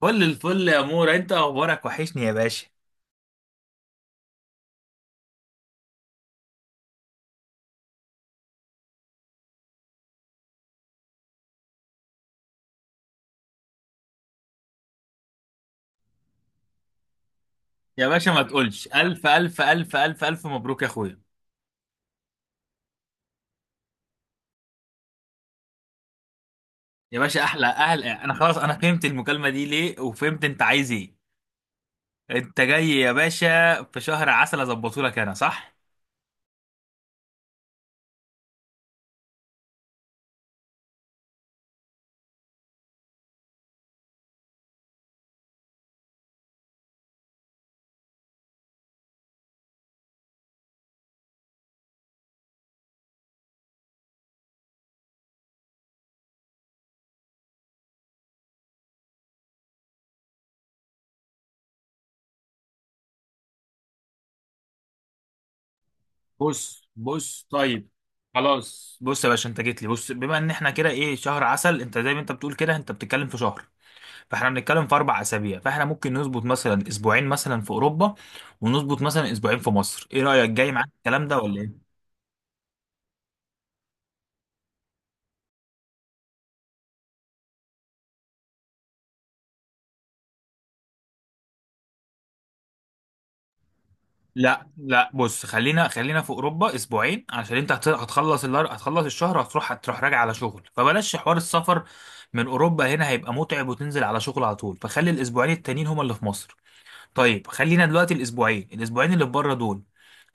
فل الفل يا مورا، انت اخبارك وحشني يا باشا. يا باشا ما تقولش، الف الف الف الف الف مبروك يا اخويا. يا باشا احلى اهل، انا خلاص انا فهمت المكالمه دي ليه وفهمت انت عايز ايه. انت جاي يا باشا في شهر عسل اظبطه لك، انا صح؟ بص بص، طيب خلاص بص يا باشا انت جيت لي، بص بما ان احنا كده ايه شهر عسل، انت زي ما انت بتقول كده انت بتتكلم في شهر، فاحنا بنتكلم في اربع اسابيع، فاحنا ممكن نظبط مثلا اسبوعين مثلا في اوروبا، ونظبط مثلا اسبوعين في مصر. ايه رايك؟ جاي معاك الكلام ده ولا ايه؟ لا لا بص، خلينا خلينا في اوروبا اسبوعين، عشان انت هتخلص هتخلص الشهر، هتروح راجع على شغل، فبلاش حوار السفر من اوروبا هنا هيبقى متعب، وتنزل على شغل على طول، فخلي الاسبوعين التانيين هما اللي في مصر. طيب خلينا دلوقتي الاسبوعين اللي في بره دول،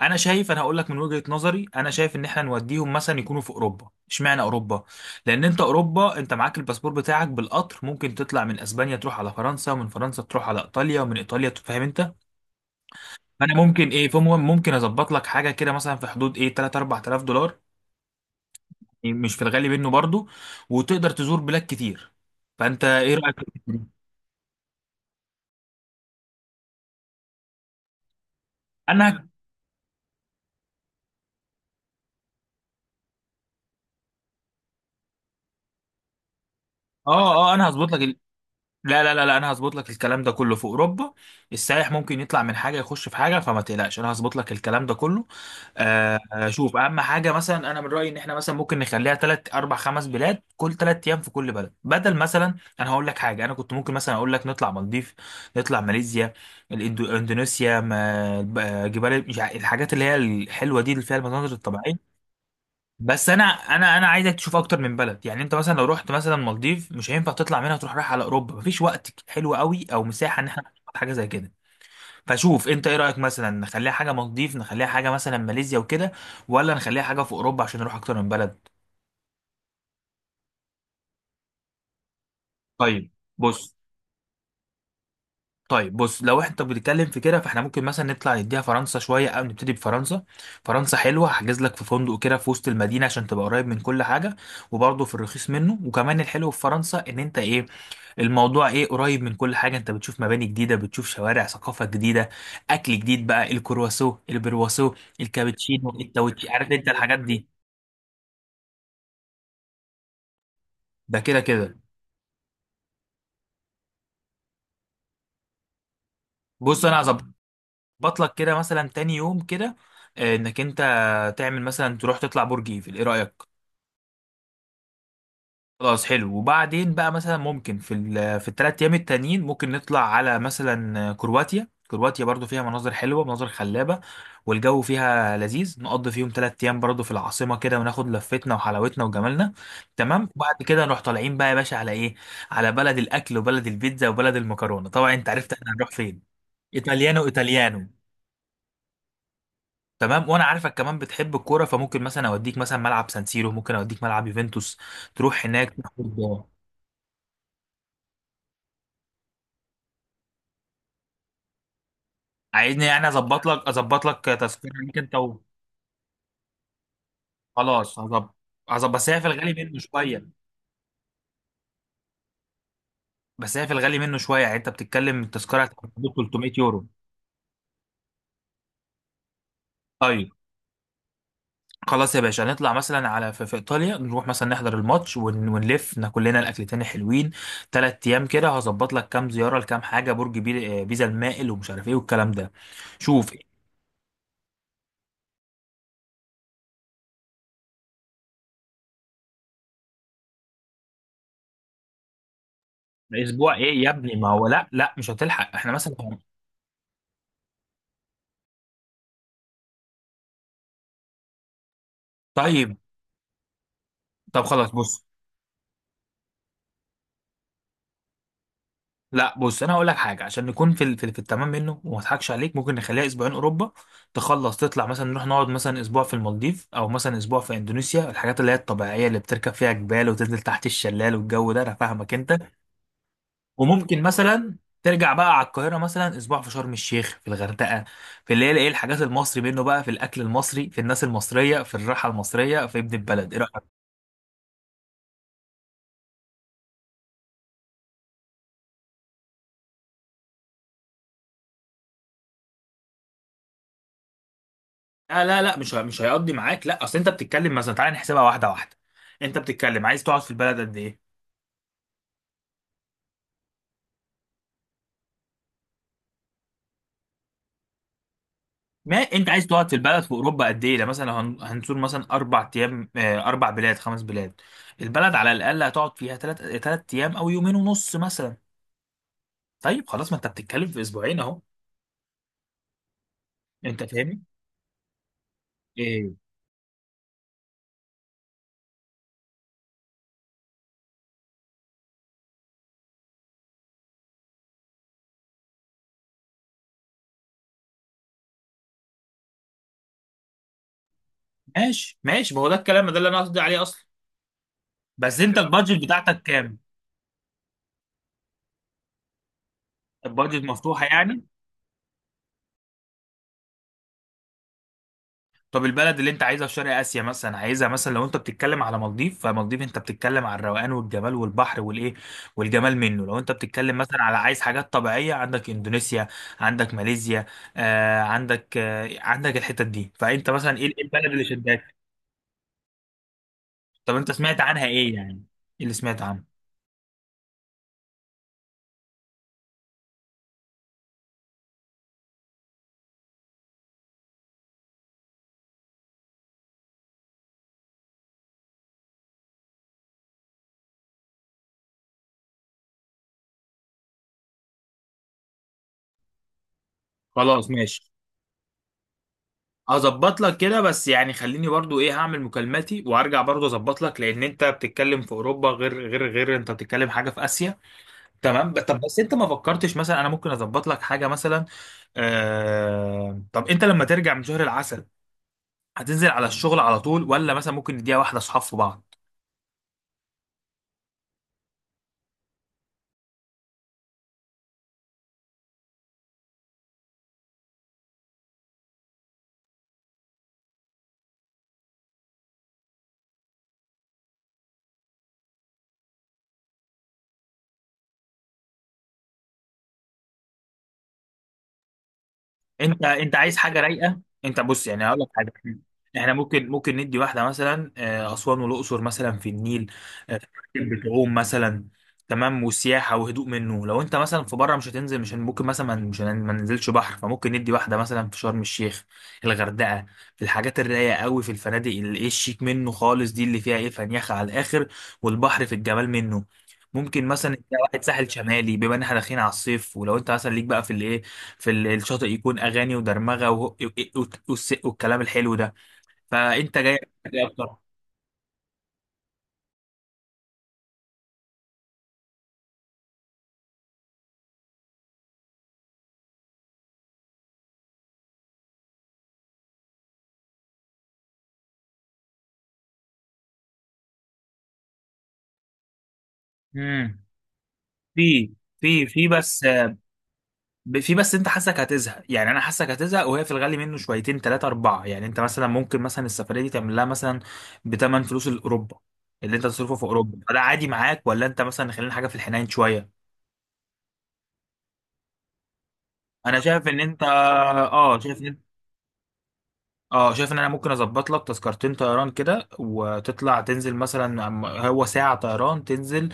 انا شايف، انا هقول لك من وجهة نظري انا شايف ان احنا نوديهم مثلا يكونوا في اوروبا. اشمعنى اوروبا؟ لان انت اوروبا انت معاك الباسبور بتاعك بالقطر، ممكن تطلع من اسبانيا تروح على فرنسا، ومن فرنسا تروح على ايطاليا، ومن ايطاليا فاهم انت. انا ممكن ايه، فمهم ممكن اظبط لك حاجه كده مثلا في حدود ايه 3 4000 دولار، يعني مش في الغالي منه برضو، وتقدر تزور بلاد كتير. فانت ايه رايك؟ انا اه اه، انا هظبط لك. لا لا لا لا، انا هظبط لك الكلام ده كله في اوروبا. السائح ممكن يطلع من حاجه يخش في حاجه، فما تقلقش انا هظبط لك الكلام ده كله. شوف اهم حاجه، مثلا انا من رايي ان احنا مثلا ممكن نخليها ثلاث اربع خمس بلاد، كل ثلاث ايام في كل بلد بدل مثلا. انا هقول لك حاجه، انا كنت ممكن مثلا اقول لك نطلع مالديف، نطلع ماليزيا، الاندونيسيا جبال، مش الحاجات اللي هي الحلوه دي اللي فيها المناظر الطبيعيه. بس انا عايزك تشوف اكتر من بلد، يعني انت مثلا لو رحت مثلا مالديف، مش هينفع تطلع منها تروح رايح على اوروبا، مفيش وقت حلو قوي او مساحه ان احنا نخطط حاجه زي كده. فشوف انت ايه رايك، مثلا نخليها حاجه مالديف، نخليها حاجه مثلا ماليزيا وكده، ولا نخليها حاجه في اوروبا عشان نروح اكتر من بلد. طيب بص طيب بص لو احنا بنتكلم في كده، فاحنا ممكن مثلا نطلع نديها فرنسا شويه، او نبتدي بفرنسا. فرنسا حلوه، هحجز لك في فندق كده في وسط المدينه، عشان تبقى قريب من كل حاجه، وبرضه في الرخيص منه. وكمان الحلو في فرنسا ان انت ايه، الموضوع ايه، قريب من كل حاجه، انت بتشوف مباني جديده، بتشوف شوارع، ثقافه جديده، اكل جديد بقى، الكرواسو البرواسو، الكابتشينو التوتشي، عارف انت الحاجات دي. ده كده كده. بص انا هظبط لك كده مثلا تاني يوم كده، انك انت تعمل مثلا، تروح تطلع برج ايفل. ايه رايك؟ خلاص حلو. وبعدين بقى مثلا ممكن في في الثلاث ايام التانيين ممكن نطلع على مثلا كرواتيا. كرواتيا برضو فيها مناظر حلوه، مناظر خلابه، والجو فيها لذيذ، نقضي فيهم ثلاث ايام برضو في العاصمه كده، وناخد لفتنا وحلاوتنا وجمالنا. تمام؟ وبعد كده نروح طالعين بقى يا باشا على ايه، على بلد الاكل وبلد البيتزا وبلد المكرونه. طبعا انت عرفت احنا هنروح فين، ايطاليانو ايطاليانو. تمام. وانا عارفك كمان بتحب الكوره، فممكن مثلا اوديك مثلا ملعب سانسيرو، ممكن اوديك ملعب يوفنتوس، تروح هناك تاخد. عايزني يعني اظبط لك تذكره ليك انت خلاص هظبط بس هي في الغالي منه شويه. بس هي في الغالي منه شويه يعني، انت بتتكلم التذكره هتبقى حدود 300 يورو. ايوه. خلاص يا باشا نطلع مثلا على في ايطاليا، نروح مثلا نحضر الماتش، ونلف ناكل لنا الاكلتين حلوين، ثلاث ايام كده هظبط لك كام زياره لكام حاجه، برج بيزا المائل، ومش عارف ايه والكلام ده. شوف، اسبوع ايه يا ابني؟ ما هو لا لا مش هتلحق، احنا مثلا. طيب طب خلاص بص، لا بص انا هقول لك حاجه، عشان نكون في في التمام منه، وما اضحكش عليك، ممكن نخليها اسبوعين اوروبا، تخلص تطلع مثلا نروح نقعد مثلا اسبوع في المالديف، او مثلا اسبوع في اندونيسيا، الحاجات اللي هي الطبيعيه اللي بتركب فيها جبال، وتنزل تحت الشلال، والجو ده انا فاهمك انت. وممكن مثلا ترجع بقى على القاهره مثلا اسبوع في شرم الشيخ، في الغردقه، في اللي هي ايه الحاجات المصري منه بقى، في الاكل المصري، في الناس المصريه، في الراحه المصريه، في ابن البلد. ايه رايك؟ لا لا لا، مش هيقضي معاك، لا اصل انت بتتكلم، مثلا تعالى نحسبها واحده واحده. انت بتتكلم عايز تقعد في البلد قد ايه؟ ما انت عايز تقعد في البلد في اوروبا قد ايه، ده مثلا لو هنزور مثلا اربع ايام، اربع بلاد خمس بلاد، البلد على الاقل هتقعد فيها ثلاث ايام، او يومين ونص مثلا. طيب خلاص، ما انت بتتكلم في اسبوعين اهو. انت فاهمني؟ ايه؟ ماشي ماشي، ما هو ده الكلام ده اللي انا قصدي عليه اصلا. بس انت البادجت بتاعتك كام؟ البادجت مفتوحه يعني؟ طب البلد اللي انت عايزها في شرق اسيا مثلا عايزها مثلا، لو انت بتتكلم على مالديف، فمالديف انت بتتكلم على الروقان والجمال والبحر والايه والجمال منه. لو انت بتتكلم مثلا على عايز حاجات طبيعيه، عندك اندونيسيا، عندك ماليزيا، عندك الحتت دي. فانت مثلا ايه البلد اللي شداك؟ طب انت سمعت عنها ايه يعني؟ ايه اللي سمعت عنه؟ خلاص ماشي، هظبط لك كده، بس يعني خليني برضو ايه هعمل مكالماتي، وارجع برضو اظبط لك، لان انت بتتكلم في اوروبا غير، غير انت بتتكلم حاجه في اسيا. تمام، طب بس انت ما فكرتش مثلا انا ممكن اظبط لك حاجه مثلا، طب انت لما ترجع من شهر العسل، هتنزل على الشغل على طول، ولا مثلا ممكن نديها واحده اصحاب في بعض؟ انت عايز حاجه رايقه، انت بص يعني هقول لك حاجه، احنا ممكن، ندي واحده مثلا اسوان والاقصر مثلا في النيل. آه، بتعوم مثلا. تمام، وسياحه وهدوء منه. لو انت مثلا في بره، مش هتنزل، مش هن- ممكن مثلا، ما- مش هن- ما ننزلش بحر، فممكن ندي واحده مثلا في شرم الشيخ، الغردقه، في الحاجات الرايقه قوي، في الفنادق اللي ايه الشيك منه خالص، دي اللي فيها ايه فنيخه على الاخر، والبحر في الجمال منه. ممكن مثلا انت واحد ساحل شمالي، بما ان احنا داخلين على الصيف، ولو انت مثلا ليك بقى في الايه، في الشاطئ يكون اغاني ودرمغه والكلام الحلو ده. فانت جاي، دي اكتر. امم. في في بس، في بس انت حاسك هتزهق، يعني انا حاسك هتزهق، وهي في الغالي منه شويتين ثلاثه اربعه، يعني انت مثلا ممكن مثلا السفريه دي تعمل لها مثلا بثمن فلوس الاوروبا اللي انت تصرفه في اوروبا، فده عادي معاك، ولا انت مثلا خلينا حاجه في الحنين شويه؟ انا شايف ان انت، اه شايف ان، اه شايف ان انا ممكن اظبط لك تذكرتين طيران كده، وتطلع تنزل مثلا، هو ساعة طيران تنزل،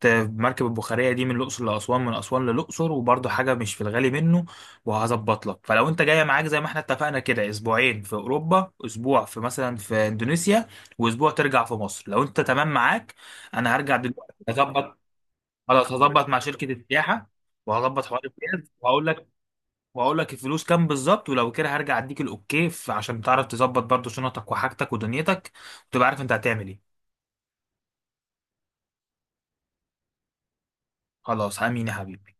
ت- مركب البخارية دي من الأقصر لأسوان، من أسوان للأقصر، وبرضه حاجة مش في الغالي منه، وهظبط لك. فلو انت جاية معاك زي ما احنا اتفقنا كده، اسبوعين في أوروبا، اسبوع في مثلا في اندونيسيا، واسبوع ترجع في مصر. لو انت تمام معاك، انا هرجع دلوقتي هظبط. خلاص، هظبط مع شركة السياحة، وهظبط حوار الجهاز، وهقول لك، واقول لك الفلوس كام بالظبط، ولو كده هرجع اديك الاوكي، عشان تعرف تظبط برضو شنطك وحاجتك ودنيتك، وتبقى عارف انت هتعمل ايه. خلاص، امين يا حبيبي.